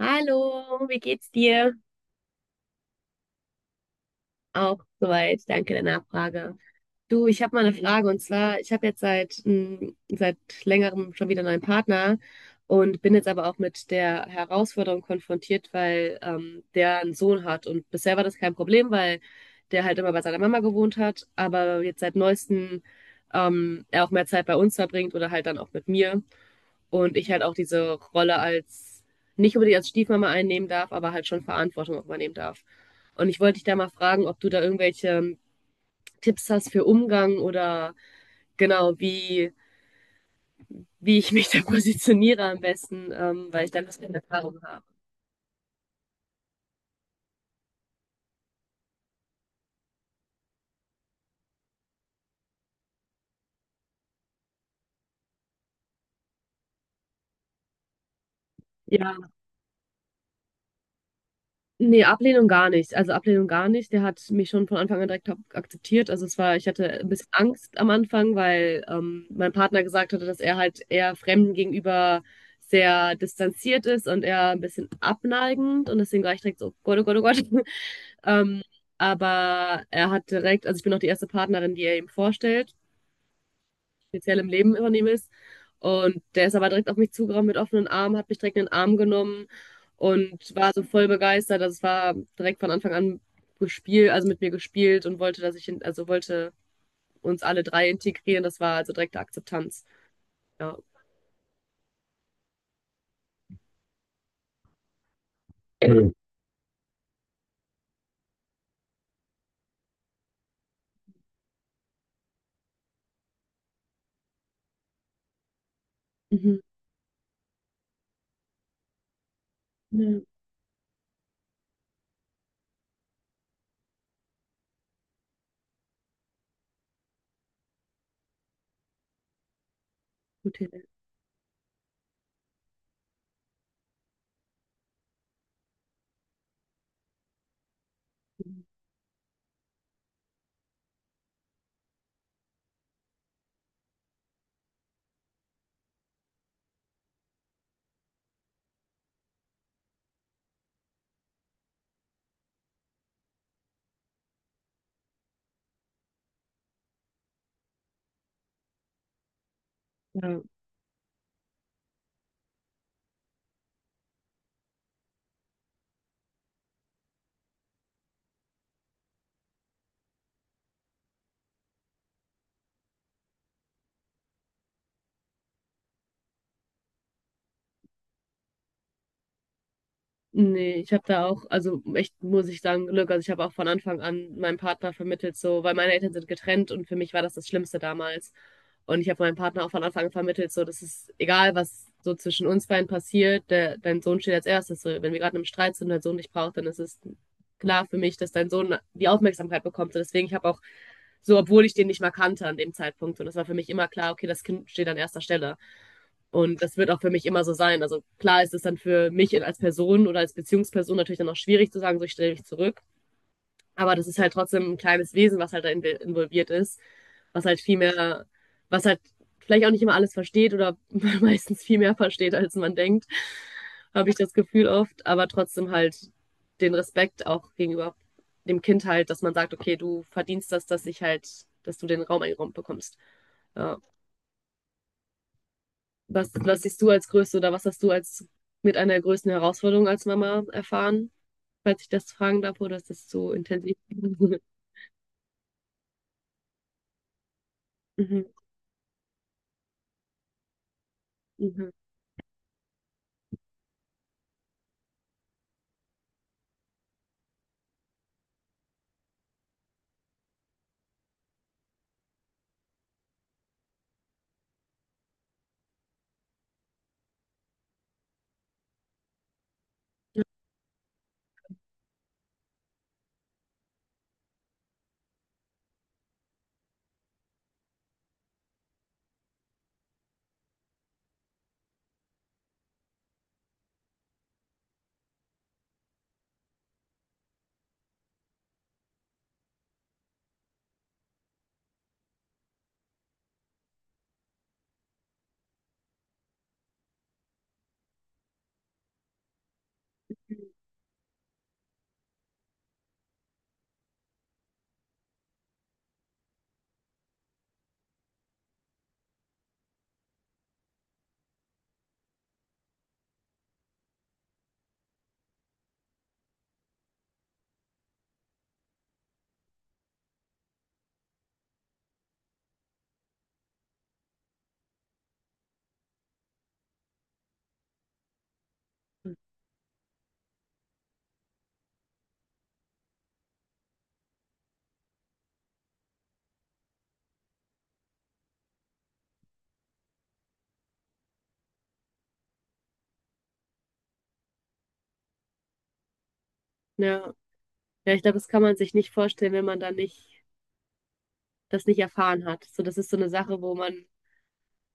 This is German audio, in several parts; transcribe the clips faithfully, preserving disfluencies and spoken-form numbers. Hallo, wie geht's dir? Auch soweit, danke der Nachfrage. Du, ich habe mal eine Frage und zwar, ich habe jetzt seit, m, seit längerem schon wieder einen neuen Partner und bin jetzt aber auch mit der Herausforderung konfrontiert, weil ähm, der einen Sohn hat und bisher war das kein Problem, weil der halt immer bei seiner Mama gewohnt hat, aber jetzt seit neuestem ähm, er auch mehr Zeit bei uns verbringt oder halt dann auch mit mir. Und ich halt auch diese Rolle als, nicht unbedingt als Stiefmama einnehmen darf, aber halt schon Verantwortung auch übernehmen darf. Und ich wollte dich da mal fragen, ob du da irgendwelche Tipps hast für Umgang oder genau, wie, wie ich mich da positioniere am besten, ähm, weil ich da ein bisschen Erfahrung habe. Ja. Nee, Ablehnung gar nicht. Also Ablehnung gar nicht. Der hat mich schon von Anfang an direkt ak- akzeptiert. Also es war, ich hatte ein bisschen Angst am Anfang, weil ähm, mein Partner gesagt hatte, dass er halt eher Fremden gegenüber sehr distanziert ist und eher ein bisschen abneigend. Und deswegen war ich direkt so, oh Gott, oh Gott, oh Gott. Ähm, aber er hat direkt, also ich bin auch die erste Partnerin, die er ihm vorstellt speziell im Leben von ihm ist. Und der ist aber direkt auf mich zugerannt mit offenen Armen, hat mich direkt in den Arm genommen und war so voll begeistert. Also es war direkt von Anfang an gespielt, also mit mir gespielt und wollte, dass ich, in, also wollte uns alle drei integrieren. Das war also direkte Akzeptanz. Ja. Mhm. Mhm. Ja, gute Idee. Mhm. Ja. Nee, ich habe da auch, also echt muss ich sagen, Glück. Also ich habe auch von Anfang an meinem Partner vermittelt, so, weil meine Eltern sind getrennt und für mich war das das Schlimmste damals. Und ich habe meinem Partner auch von Anfang an vermittelt, so, das ist egal, was so zwischen uns beiden passiert, der, dein Sohn steht als erstes. So, wenn wir gerade im Streit sind und dein Sohn dich braucht, dann ist es klar für mich, dass dein Sohn die Aufmerksamkeit bekommt. Und deswegen, ich habe auch, so, obwohl ich den nicht mal kannte an dem Zeitpunkt, und das war für mich immer klar, okay, das Kind steht an erster Stelle. Und das wird auch für mich immer so sein. Also klar ist es dann für mich als Person oder als Beziehungsperson natürlich dann auch schwierig zu sagen, so ich stelle mich zurück. Aber das ist halt trotzdem ein kleines Wesen, was halt da involviert ist, was halt viel mehr, was halt vielleicht auch nicht immer alles versteht oder meistens viel mehr versteht, als man denkt, habe ich das Gefühl oft. Aber trotzdem halt den Respekt auch gegenüber dem Kind halt, dass man sagt, okay, du verdienst das, dass ich halt, dass du den Raum eingeräumt bekommst. Ja. Was, was siehst du als größte oder was hast du als mit einer der größten Herausforderung als Mama erfahren? Falls ich das fragen darf, oder ist das zu intensiv? Mhm, mhm. Ja, ja, ich glaube, das kann man sich nicht vorstellen, wenn man da nicht, das nicht erfahren hat. So, das ist so eine Sache, wo man,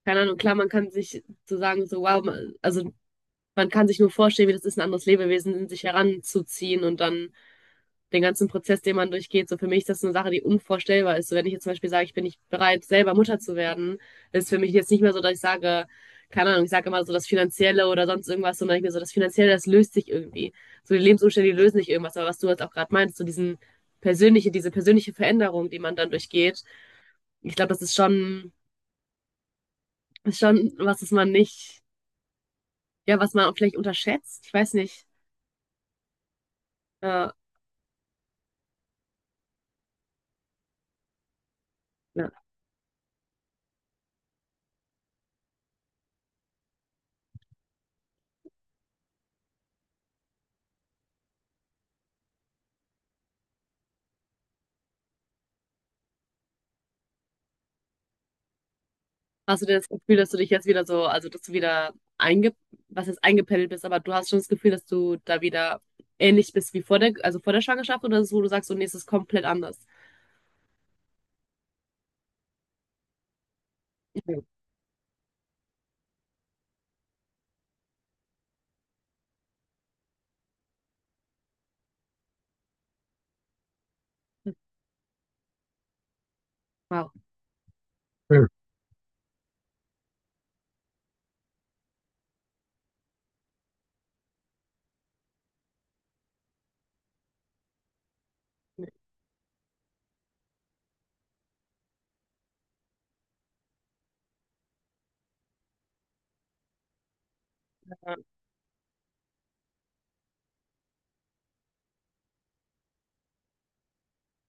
keine Ahnung, klar, man kann sich so sagen, so, wow, man, also man kann sich nur vorstellen, wie das ist, ein anderes Lebewesen in sich heranzuziehen und dann den ganzen Prozess, den man durchgeht. So für mich ist das eine Sache, die unvorstellbar ist. So wenn ich jetzt zum Beispiel sage, ich bin nicht bereit, selber Mutter zu werden, ist für mich jetzt nicht mehr so, dass ich sage, keine Ahnung, ich sage immer so das Finanzielle oder sonst irgendwas, sondern ich mir so, das Finanzielle, das löst sich irgendwie. So die Lebensumstände, die lösen nicht irgendwas. Aber was du jetzt auch gerade meinst, so diesen persönliche, diese persönliche Veränderung, die man dann durchgeht, ich glaube, das ist schon, ist schon was, was man nicht, ja, was man vielleicht unterschätzt. Ich weiß nicht. Äh, ja. Hast du denn das Gefühl, dass du dich jetzt wieder so, also dass du wieder einge, was jetzt eingependelt bist, aber du hast schon das Gefühl, dass du da wieder ähnlich bist wie vor der, also vor der Schwangerschaft oder ist es, wo du sagst, so, nee, es ist komplett anders? Mhm. Wow. Hm.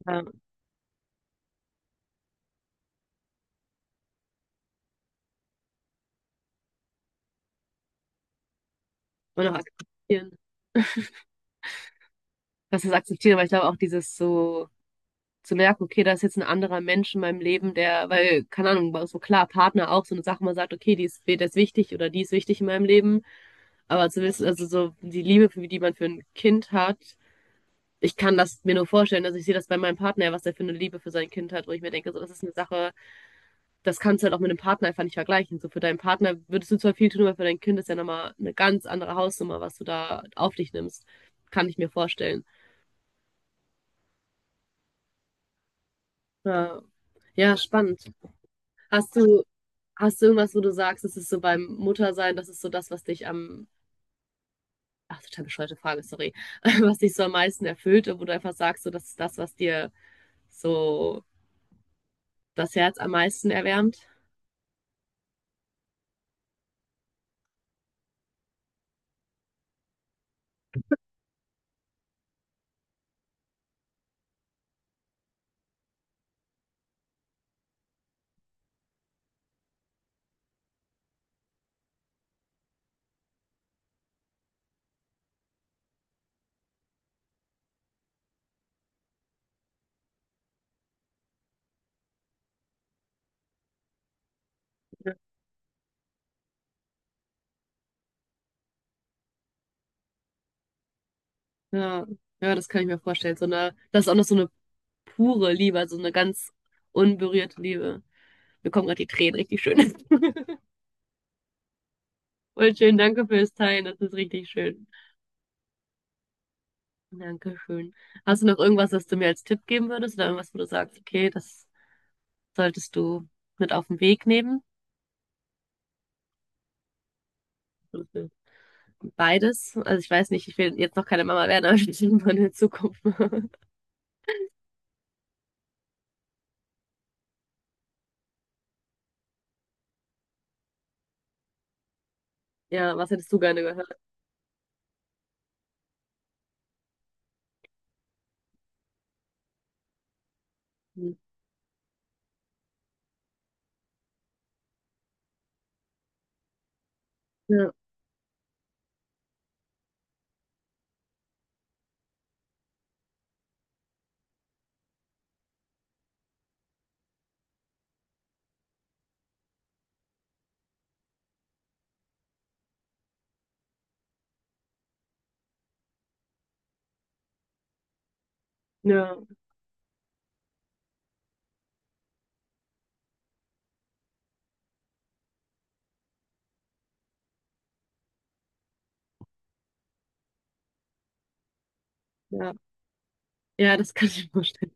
Ja, und auch akzeptieren. Was ist akzeptieren, aber ich glaube auch dieses so zu merken, okay, da ist jetzt ein anderer Mensch in meinem Leben, der, weil, keine Ahnung, war so klar, Partner auch so eine Sache, man sagt, okay, die ist, der ist wichtig oder die ist wichtig in meinem Leben, aber zu wissen, also so die Liebe, für- die man für ein Kind hat, ich kann das mir nur vorstellen, also ich sehe das bei meinem Partner, was er für eine Liebe für sein Kind hat, wo ich mir denke, so, das ist eine Sache, das kannst du halt auch mit einem Partner einfach nicht vergleichen. So für deinen Partner würdest du zwar viel tun, aber für dein Kind ist ja nochmal eine ganz andere Hausnummer, was du da auf dich nimmst. Kann ich mir vorstellen. Ja, ja spannend. Hast du, hast du irgendwas, wo du sagst, es ist so beim Muttersein, das ist so das, was dich am, ach, total bescheuerte Frage, sorry, was dich so am meisten erfüllt und wo du einfach sagst, so, das ist das, was dir so das Herz am meisten erwärmt? Ja, ja, das kann ich mir vorstellen. So eine, das ist auch noch so eine pure Liebe, also eine ganz unberührte Liebe. Mir kommen gerade die Tränen richtig schön. Voll schön, danke fürs Teilen, das ist richtig schön. Dankeschön. Hast du noch irgendwas, das du mir als Tipp geben würdest oder irgendwas, wo du sagst, okay, das solltest du mit auf den Weg nehmen? Beides. Also ich weiß nicht, ich will jetzt noch keine Mama werden, aber ich will irgendwann in Zukunft. Ja, was hättest du gerne gehört? Ja, ja, ja. Ja, das kann ich mir vorstellen.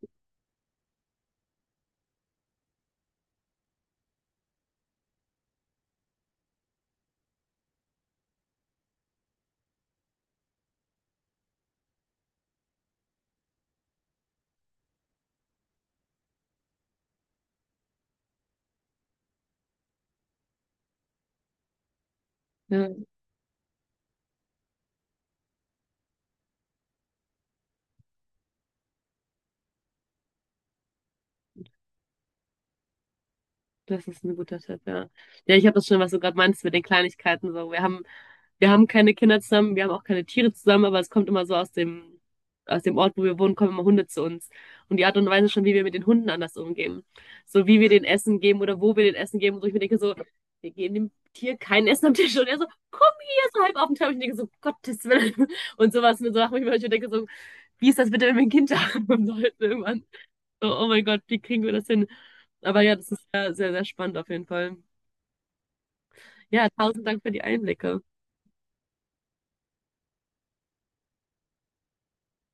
Ja. Das ist ein guter Tipp, ja. Ja, ich habe das schon, was du gerade meinst mit den Kleinigkeiten so. Wir haben, wir haben keine Kinder zusammen, wir haben auch keine Tiere zusammen, aber es kommt immer so aus dem, aus dem, Ort, wo wir wohnen, kommen immer Hunde zu uns. Und die Art und Weise schon, wie wir mit den Hunden anders umgehen. So wie wir den Essen geben oder wo wir den Essen geben. Und so ich mir denke so, wir geben dem Tier kein Essen am Tisch. Und er so, komm hier, so halb auf den Tisch. Und ich denke so, Gottes Willen. Und sowas mit so Sachen, ich mir ich denke so, wie ist das bitte, wenn wir ein Kind haben sollten irgendwann? So, oh mein Gott, wie kriegen wir das hin? Aber ja, das ist sehr, sehr, sehr spannend auf jeden Fall. Ja, tausend Dank für die Einblicke.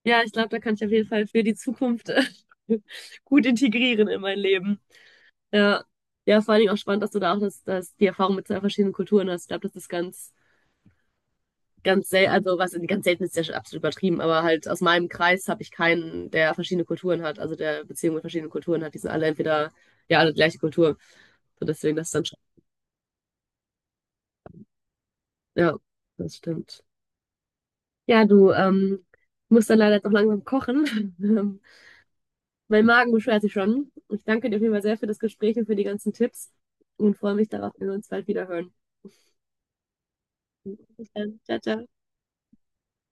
Ja, ich glaube, da kann ich auf jeden Fall für die Zukunft gut integrieren in mein Leben. Ja, ja, vor allen Dingen auch spannend, dass du da auch das, das, die Erfahrung mit zwei verschiedenen Kulturen hast. Ich glaube, das ist ganz, ganz selten, also was ganz selten ist, ja schon absolut übertrieben, aber halt aus meinem Kreis habe ich keinen, der verschiedene Kulturen hat, also der Beziehung mit verschiedenen Kulturen hat. Die sind alle entweder, ja, alle die gleiche Kultur. So deswegen, das ist dann schon, ja, das stimmt. Ja, du, ähm, ich muss dann leider jetzt auch langsam kochen. Ähm, mein Magen beschwert sich schon. Ich danke dir auf jeden Fall sehr für das Gespräch und für die ganzen Tipps und freue mich darauf, wenn wir uns bald wieder hören. Bis dann. Ciao, ciao.